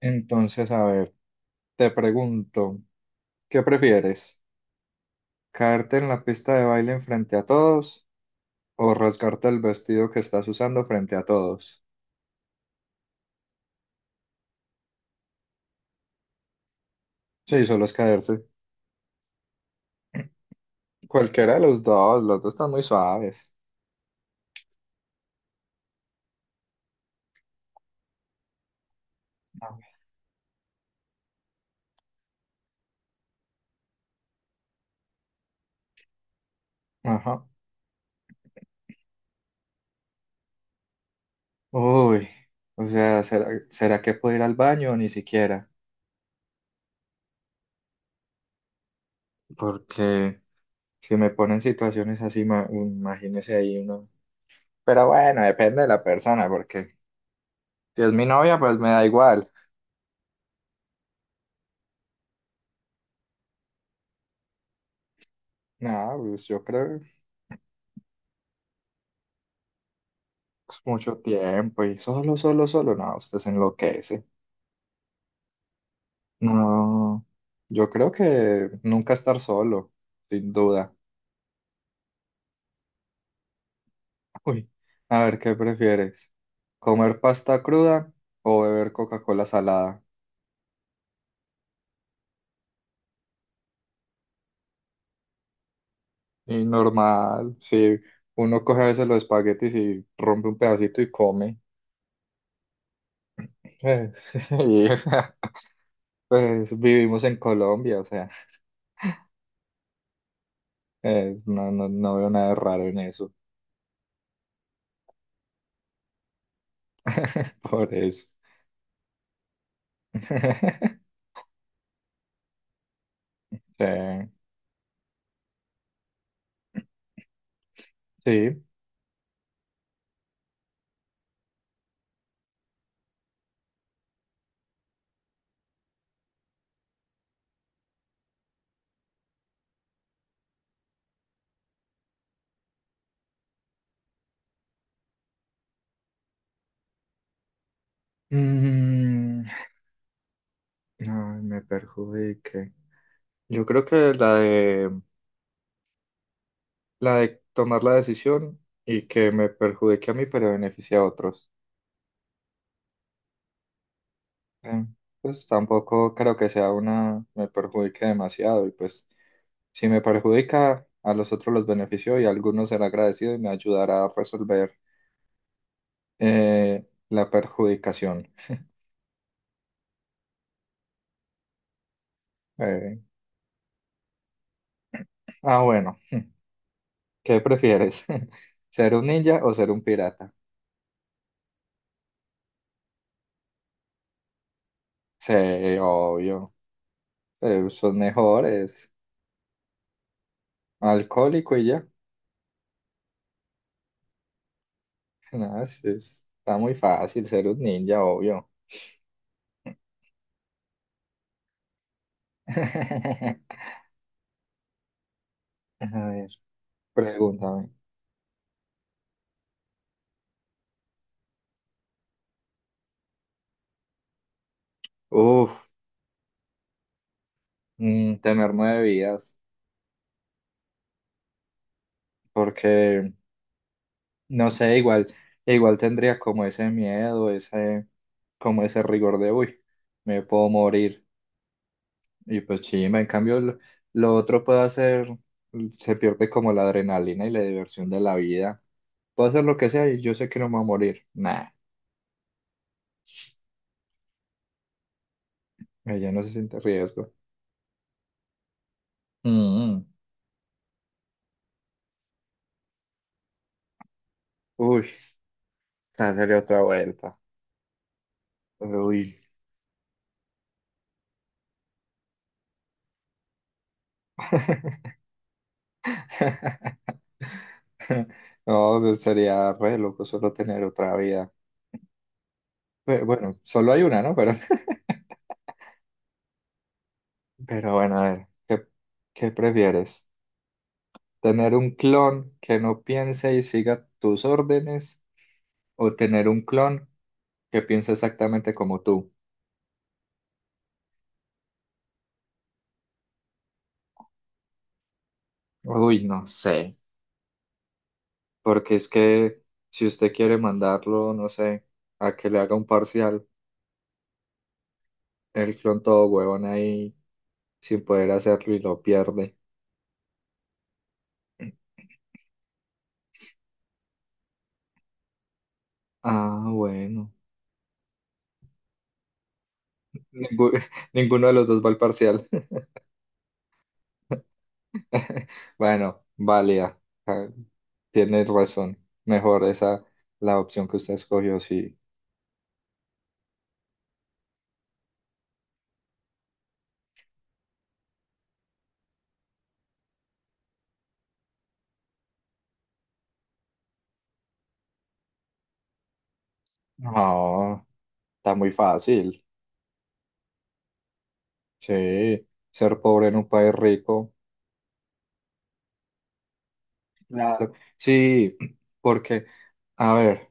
Entonces, a ver, te pregunto, ¿qué prefieres? ¿Caerte en la pista de baile frente a todos o rasgarte el vestido que estás usando frente a todos? Sí, solo es caerse. Cualquiera de los dos están muy suaves. A ver. Ajá. Uy, o sea, ¿será que puedo ir al baño? Ni siquiera, porque si me ponen situaciones así, imagínese ahí uno. Pero bueno, depende de la persona, porque si es mi novia, pues me da igual. No, pues yo creo. Es mucho tiempo y solo, solo, solo, no, usted se enloquece. No, yo creo que nunca estar solo, sin duda. Uy, a ver, ¿qué prefieres? ¿Comer pasta cruda o beber Coca-Cola salada? Y normal, si uno coge a veces los espaguetis y rompe un pedacito y come. Pues, y, o sea, pues vivimos en Colombia, o sea, no, no, no veo nada de raro en eso. Por eso. Sí. Sí. Mm, ay, me perjudique. Yo creo que la de tomar la decisión y que me perjudique a mí, pero beneficie a otros. Eh, pues tampoco creo que sea una, me perjudique demasiado. Y pues si me perjudica, a los otros los beneficio y a algunos será agradecido y me ayudará a resolver la perjudicación. Eh, bueno, ¿qué prefieres? ¿Ser un ninja o ser un pirata? Sí, obvio. Son mejores, alcohólico y ya. No, está muy fácil ser un ninja, obvio. A ver, pregúntame. Uf, mm, tener nueve vidas, porque no sé, igual tendría como ese miedo, ese, como ese rigor de, uy, me puedo morir. Y pues chimba, lo otro puedo hacer, se pierde como la adrenalina y la diversión de la vida. Puedo hacer lo que sea y yo sé que no me voy a morir. Nah. Ella no se siente riesgo. Mm. Uy, esa sería otra vuelta. Uy. No, pues, sería re loco solo tener otra vida. Bueno, solo hay una, ¿no? Pero, pero bueno, a ver, ¿qué prefieres? ¿Tener un clon que no piense y siga tus órdenes o tener un clon que piense exactamente como tú? Uy, no sé, porque es que si usted quiere mandarlo, no sé, a que le haga un parcial el clon todo huevón ahí sin poder hacerlo y lo pierde. Ah, bueno. Ningú- ninguno de los dos va al parcial. Bueno, válida. Ah, tienes razón. Mejor esa, la opción que usted escogió, sí. No, está muy fácil. Sí, ser pobre en un país rico. Claro. Sí, porque, a ver,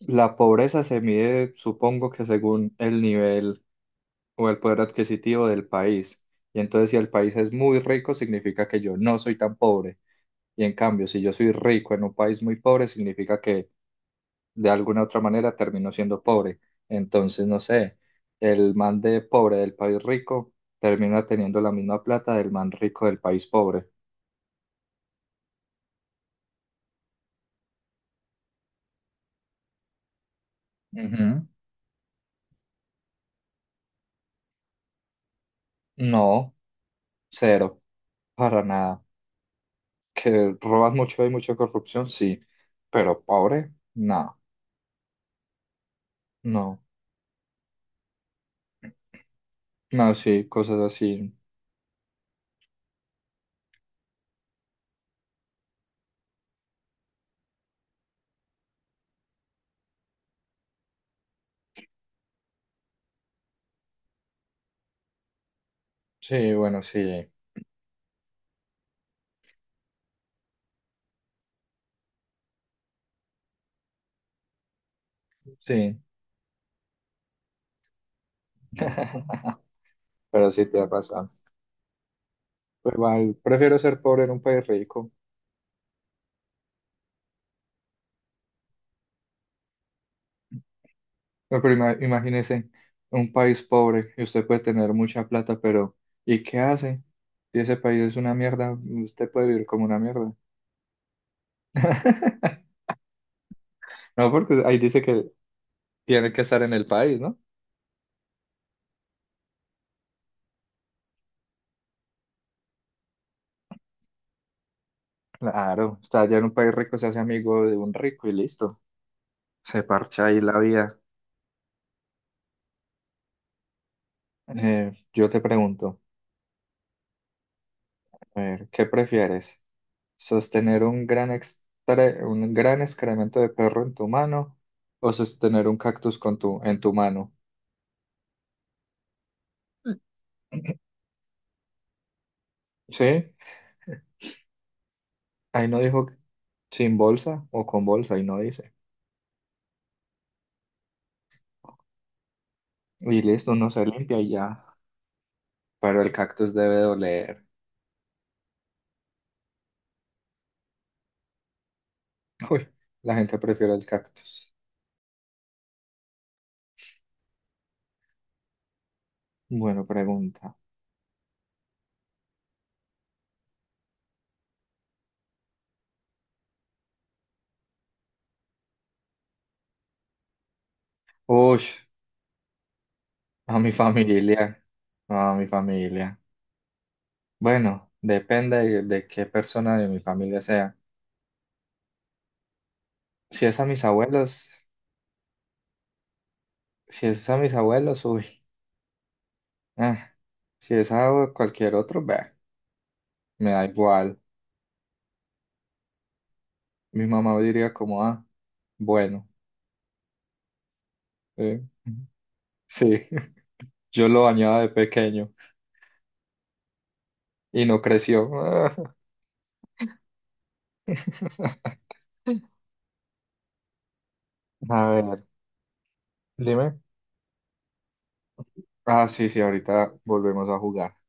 la pobreza se mide, supongo que según el nivel, o el poder adquisitivo del país. Y entonces si el país es muy rico, significa que yo no soy tan pobre. Y en cambio, si yo soy rico en un país muy pobre, significa que de alguna u otra manera termino siendo pobre. Entonces, no sé, el man de pobre del país rico termina teniendo la misma plata del man rico del país pobre. Ujú. No, cero, para nada. Que roban mucho, hay mucha corrupción, sí, pero pobre, no, no, no, sí, cosas así. Sí, bueno, sí, sí, pero sí te ha pasado. Pues igual, prefiero ser pobre en un país rico. No, pero imagínese un país pobre y usted puede tener mucha plata, pero ¿y qué hace? Si ese país es una mierda, usted puede vivir como una mierda. No, porque ahí dice que tiene que estar en el país, ¿no? Claro, está allá en un país rico, se hace amigo de un rico y listo. Se parcha ahí la vida. Yo te pregunto, a ver, ¿qué prefieres? Sostener un gran excremento de perro en tu mano o sostener un cactus en tu mano. Sí, ahí no dijo sin bolsa o con bolsa, ahí no dice. Y listo, uno se limpia y ya. Pero el cactus debe doler. Uy, la gente prefiere el cactus. Bueno, pregunta. Uy, a mi familia. No, A mi familia. Bueno, depende de qué persona de mi familia sea. Si es a mis abuelos, si es a mis abuelos, uy. Ah, si es a cualquier otro, bah, me da igual. Mi mamá diría como, ah, bueno, eh, sí, yo lo bañaba de pequeño y no creció. A ver, dime. Ah, sí, sí, ahorita volvemos a jugar.